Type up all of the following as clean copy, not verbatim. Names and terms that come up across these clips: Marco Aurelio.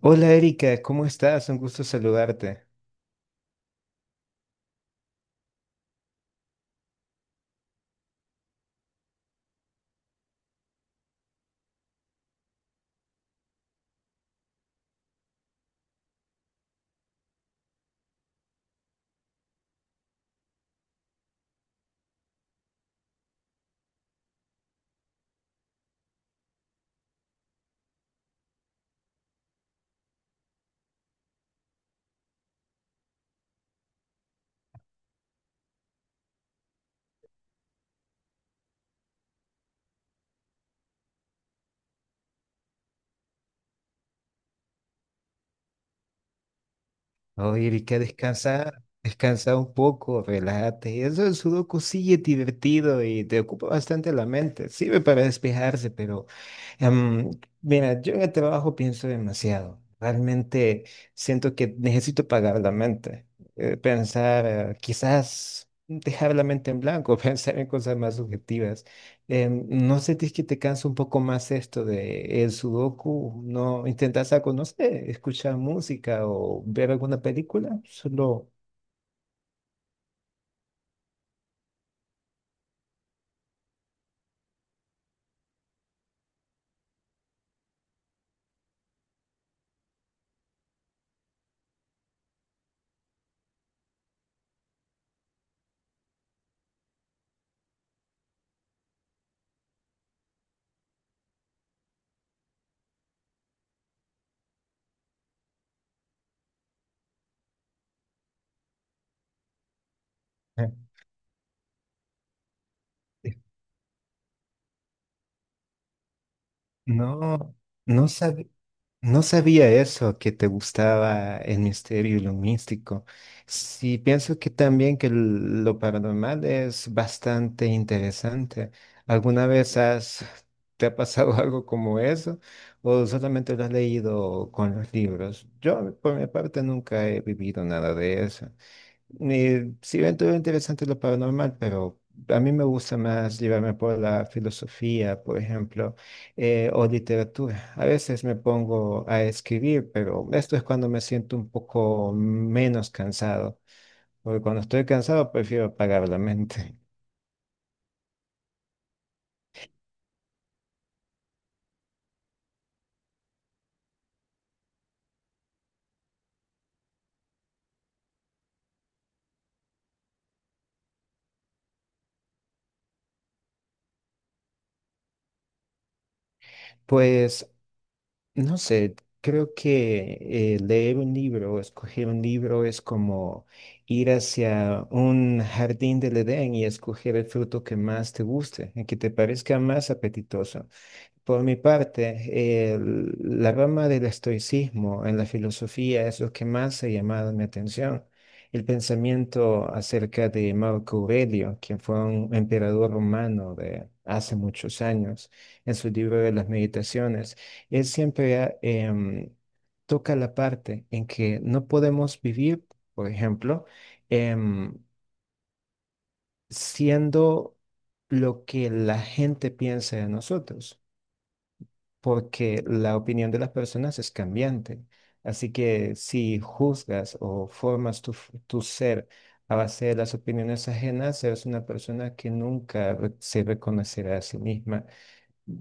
Hola Erika, ¿cómo estás? Un gusto saludarte. Oye Erika, descansa, descansa un poco, relájate. Eso del sudoku sí es divertido y te ocupa bastante la mente. Sirve para despejarse, pero em, mira, yo en el trabajo pienso demasiado. Realmente siento que necesito pagar la mente. Pensar, quizás dejar la mente en blanco, pensar en cosas más subjetivas. ¿No sentís que te cansa un poco más esto de el sudoku? ¿No intentas algo, no sé, escuchar música o ver alguna película? Solo, Eh, no, no sabía. No sabía eso, que te gustaba el misterio y lo místico. Sí, pienso que también que lo paranormal es bastante interesante. ¿Alguna vez has, te ha pasado algo como eso? ¿O solamente lo has leído con los libros? Yo, por mi parte, nunca he vivido nada de eso. Sí, dentro de interesante lo paranormal, pero a mí me gusta más llevarme por la filosofía, por ejemplo, o literatura. A veces me pongo a escribir, pero esto es cuando me siento un poco menos cansado, porque cuando estoy cansado prefiero apagar la mente. Pues no sé, creo que leer un libro, o escoger un libro es como ir hacia un jardín del Edén y escoger el fruto que más te guste, el que te parezca más apetitoso. Por mi parte, la rama del estoicismo en la filosofía es lo que más ha llamado mi atención. El pensamiento acerca de Marco Aurelio, quien fue un emperador romano de hace muchos años, en su libro de las meditaciones, él siempre ha, toca la parte en que no podemos vivir, por ejemplo, em, siendo lo que la gente piensa de nosotros porque la opinión de las personas es cambiante. Así que si juzgas o formas tu, tu ser a base de las opiniones ajenas, eres una persona que nunca se reconocerá a sí misma.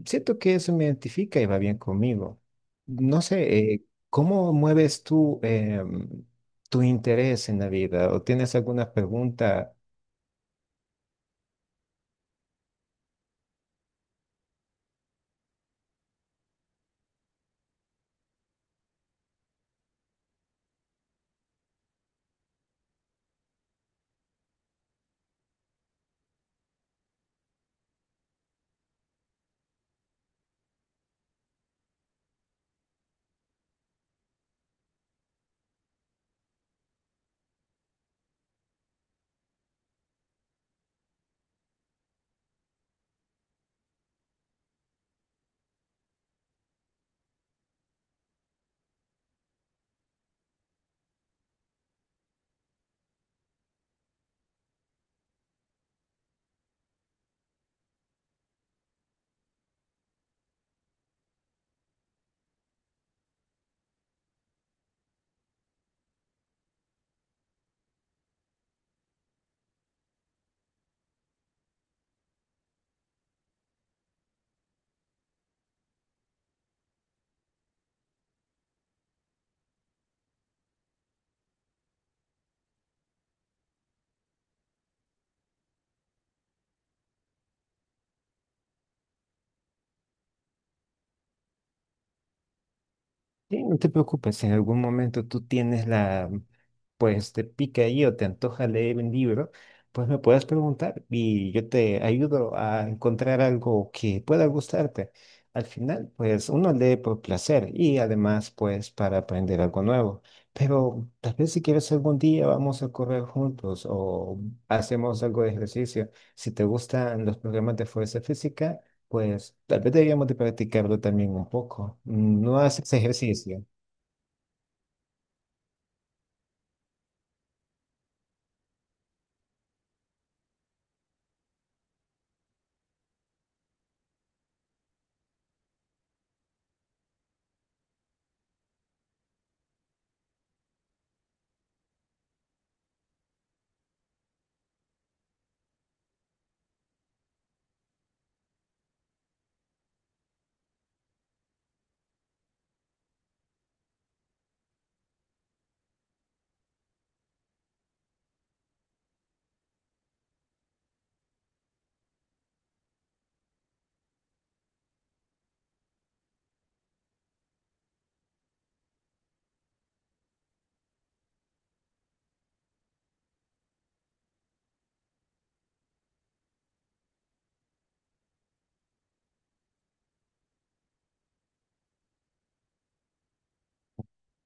Siento que eso me identifica y va bien conmigo. No sé, ¿cómo mueves tú tu interés en la vida? ¿O tienes alguna pregunta? Sí, no te preocupes, si en algún momento tú tienes la, pues te pica ahí o te antoja leer un libro, pues me puedes preguntar y yo te ayudo a encontrar algo que pueda gustarte. Al final, pues uno lee por placer y además, pues para aprender algo nuevo. Pero tal vez si quieres algún día vamos a correr juntos o hacemos algo de ejercicio. Si te gustan los programas de fuerza física, pues tal vez deberíamos de practicarlo también un poco. Mm, no haces ejercicio.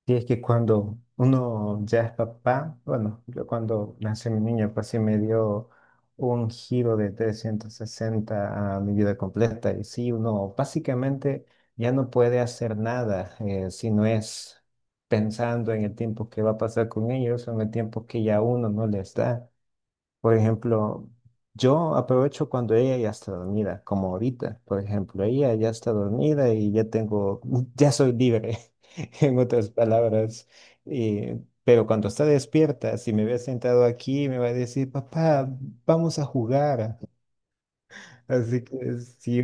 Y es que cuando uno ya es papá, bueno, yo cuando nació mi niño, pues sí me dio un giro de 360 a mi vida completa. Y sí, uno básicamente ya no puede hacer nada si no es pensando en el tiempo que va a pasar con ellos o en el tiempo que ya uno no les da. Por ejemplo, yo aprovecho cuando ella ya está dormida, como ahorita, por ejemplo, ella ya está dormida y ya tengo, ya soy libre, en otras palabras. Pero cuando está despierta, si me ve sentado aquí, me va a decir, papá, vamos a jugar. Así que sí,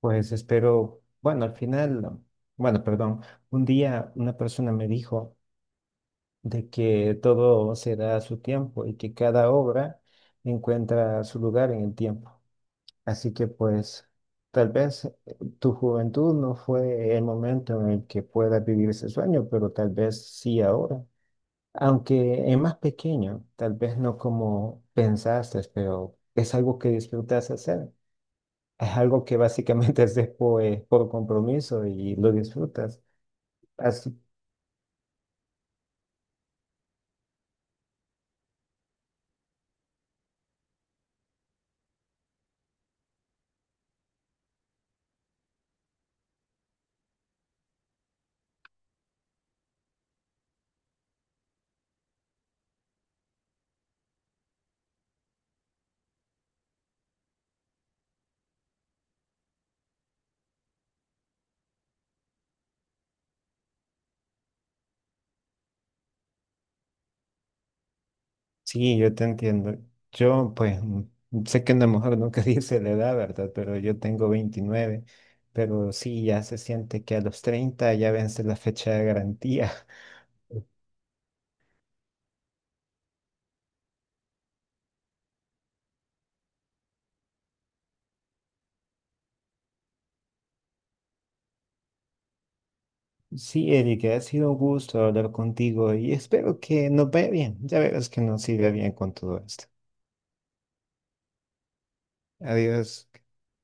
pues espero, bueno, al final, bueno, perdón, un día una persona me dijo de que todo se da a su tiempo y que cada obra encuentra su lugar en el tiempo. Así que pues tal vez tu juventud no fue el momento en el que puedas vivir ese sueño, pero tal vez sí ahora. Aunque es más pequeño, tal vez no como pensaste, pero es algo que disfrutas hacer. Es algo que básicamente haces por compromiso y lo disfrutas. Así sí, yo te entiendo. Yo, pues, mm, sé que una mejor nunca dice la edad, ¿verdad? Pero yo tengo 29. Pero sí, ya se siente que a los 30 ya vence la fecha de garantía. Sí, Eric, ha sido un gusto hablar contigo y espero que nos vaya bien. Ya verás que nos siga bien con todo esto. Adiós.